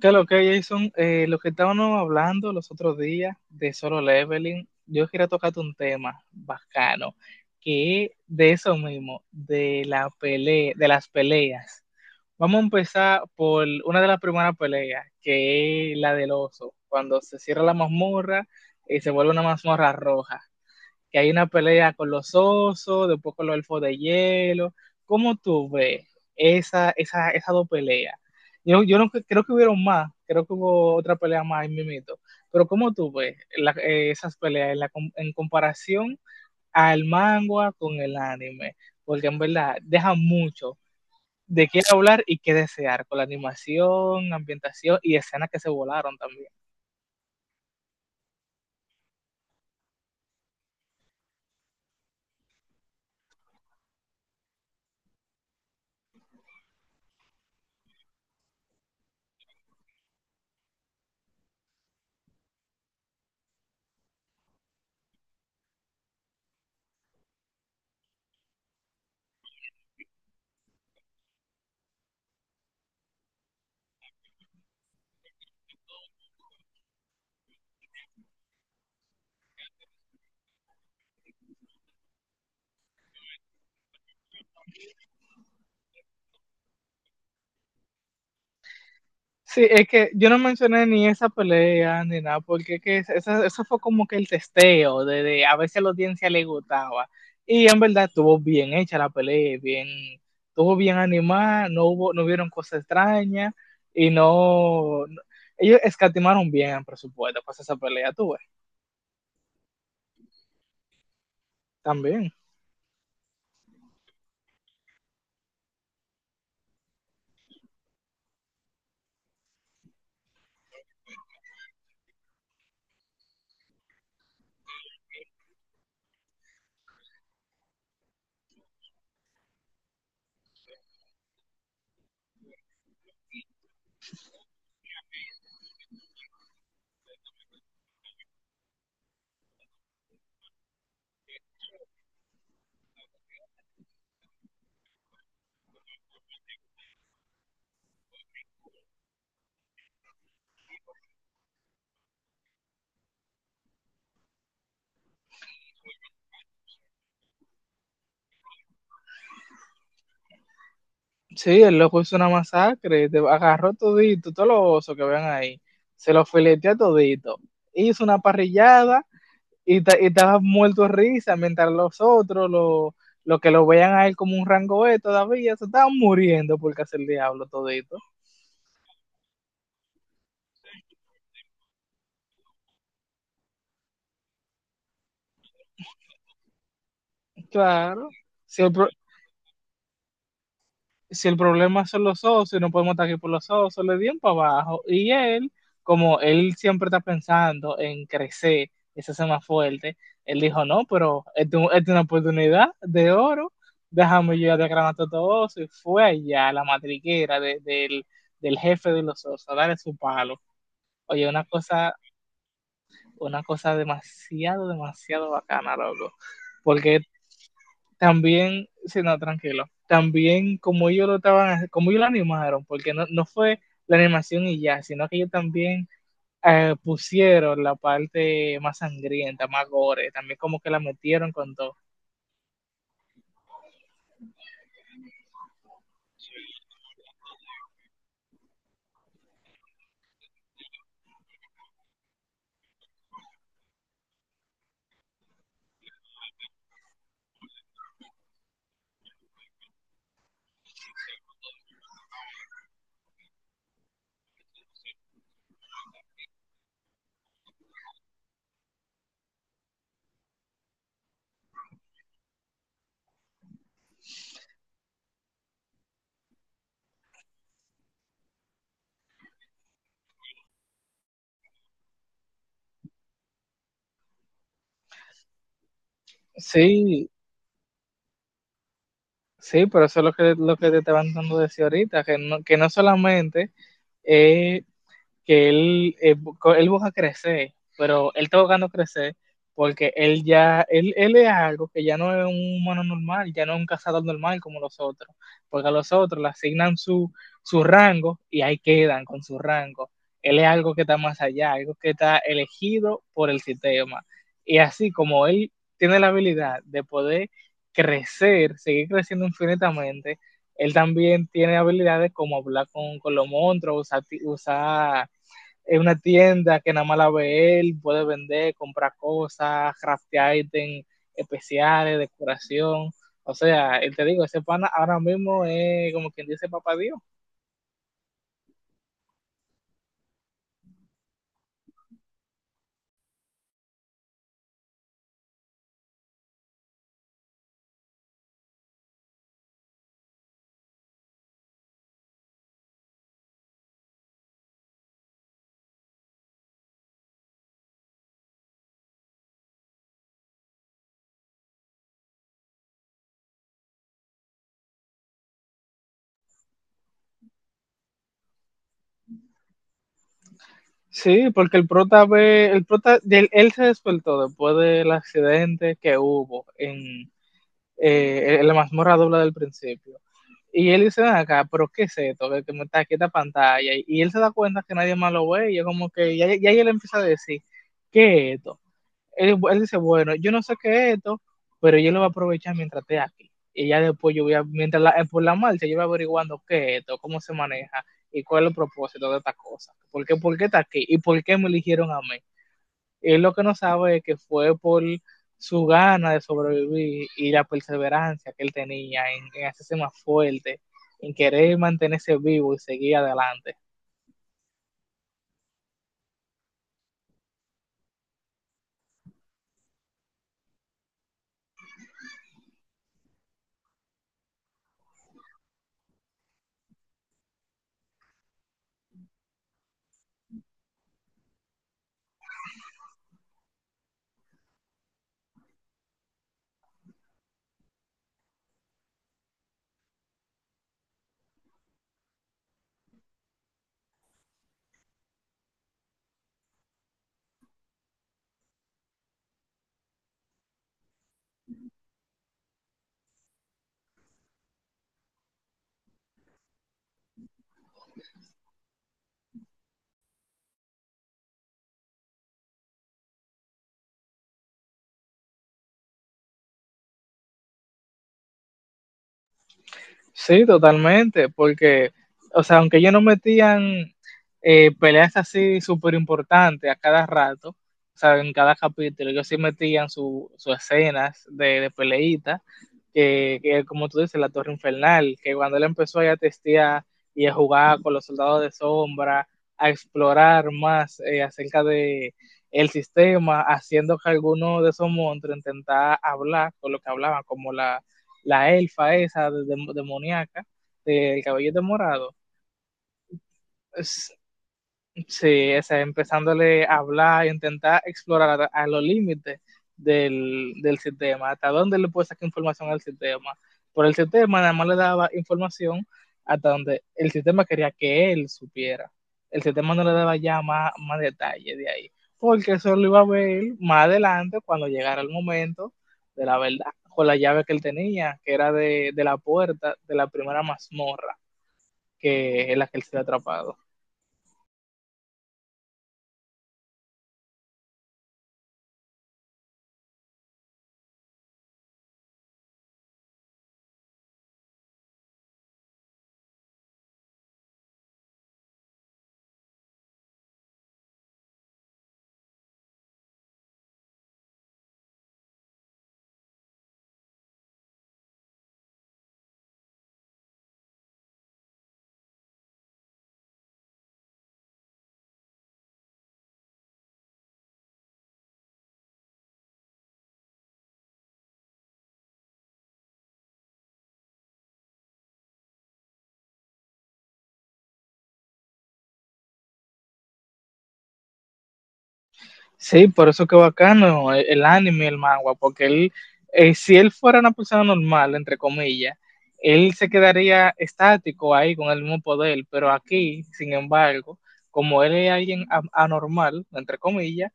¿Qué lo que, Jason? Lo que estábamos hablando los otros días de Solo Leveling, yo quería tocarte un tema bacano, que es de eso mismo, de la pele, de las peleas. Vamos a empezar por una de las primeras peleas, que es la del oso, cuando se cierra la mazmorra y se vuelve una mazmorra roja, que hay una pelea con los osos, después con los elfos de hielo. ¿Cómo tú ves esas dos peleas? Yo no cre- creo que hubieron más, creo que hubo otra pelea más en Mimito, pero ¿cómo tú ves esas peleas en, en comparación al manga con el anime? Porque en verdad deja mucho de qué hablar y qué desear con la animación, ambientación y escenas que se volaron también. Sí, es que yo no mencioné ni esa pelea ni nada, porque es que es- esa- eso fue como que el testeo de a ver si a la audiencia le gustaba. Y en verdad estuvo bien hecha la pelea, bien, estuvo bien animada, no hubieron cosas extrañas y ellos escatimaron bien el presupuesto para esa pelea, tuve también. Sí, el loco hizo una masacre, te agarró todito, todos los osos que vean ahí, se los fileteó todito, hizo una parrillada y, y te has muerto de risa, mientras lo que lo vean a él como un rango E todavía, se estaban muriendo porque hace el diablo todito. Claro, si el, pro- si el problema son los socios, no podemos estar aquí por los socios, le dieron para abajo. Y él, como él siempre está pensando en crecer, ese ser más fuerte, él dijo, no, pero esta es una oportunidad de oro, déjame yo de a todo eso. Y fue allá a la matriquera del, del jefe de los socios a darle su palo. Oye, una cosa demasiado, demasiado bacana, loco. Porque también, si no, tranquilo, también como ellos lo estaban, como ellos lo animaron, porque no fue la animación y ya, sino que ellos también pusieron la parte más sangrienta, más gore, también como que la metieron con todo. Sí, sí, pero eso es lo que te estaban dando decir ahorita, que no solamente es que él busca crecer, pero él está buscando crecer porque él es algo que ya no es un humano normal, ya no es un cazador normal como los otros, porque a los otros le asignan su, su rango y ahí quedan con su rango. Él es algo que está más allá, algo que está elegido por el sistema. Y así como él tiene la habilidad de poder crecer, seguir creciendo infinitamente, él también tiene habilidades como hablar con los monstruos, usar es una tienda que nada más la ve él, puede vender, comprar cosas, craftear ítems especiales, decoración. O sea, él te digo, ese pana ahora mismo es como quien dice papá Dios. Sí, porque el prota, él se despertó después del accidente que hubo en la mazmorra doble del principio. Y él dice, "Ven acá, pero ¿qué es esto? Que, me está aquí esta pantalla". Y él se da cuenta que nadie más lo ve y es como que, ya él empieza a decir, ¿qué es esto? Él dice, bueno, yo no sé qué es esto, pero yo lo voy a aprovechar mientras esté aquí. Y ya después yo voy a, mientras por la marcha, yo voy averiguando qué es esto, cómo se maneja y cuál es el propósito de esta cosa. Por qué está aquí? ¿Y por qué me eligieron a mí? Él lo que no sabe es que fue por su gana de sobrevivir y la perseverancia que él tenía en hacerse más fuerte, en querer mantenerse vivo y seguir adelante. Sí, totalmente, porque, o sea, aunque ellos no metían peleas así súper importantes a cada rato, o sea, en cada capítulo, ellos sí metían sus escenas de peleita, que como tú dices, la Torre Infernal, que cuando él empezó ahí a testear y a jugar con los soldados de sombra, a explorar más acerca de el sistema, haciendo que alguno de esos monstruos intentara hablar con lo que hablaban, como la elfa esa demoníaca, del caballete morado. Sí, ese, empezándole a hablar, intentar explorar a los límites del, sistema, hasta dónde le puede sacar información al sistema. Por el sistema nada más le daba información hasta donde el sistema quería que él supiera. El sistema no le daba ya más detalle de ahí, porque eso lo iba a ver más adelante cuando llegara el momento de la verdad, con la llave que él tenía, que era de la puerta de la primera mazmorra, que es la que él se había atrapado. Sí, por eso que bacano el anime, el manga, porque si él fuera una persona normal, entre comillas, él se quedaría estático ahí con el mismo poder, pero aquí, sin embargo, como él es alguien anormal, entre comillas,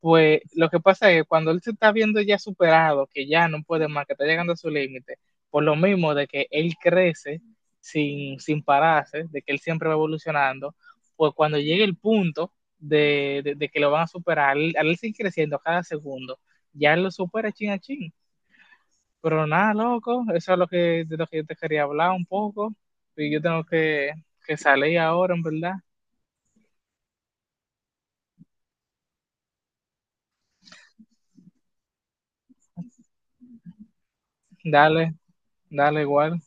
pues lo que pasa es que cuando él se está viendo ya superado, que ya no puede más, que está llegando a su límite, por lo mismo de que él crece sin pararse, de que él siempre va evolucionando, pues cuando llegue el punto de que lo van a superar, al él sigue creciendo cada segundo, ya él lo supera chin a chin. Pero nada, loco, eso es lo que, de lo que yo te quería hablar un poco. Y yo tengo que salir ahora, en verdad. Dale, dale igual.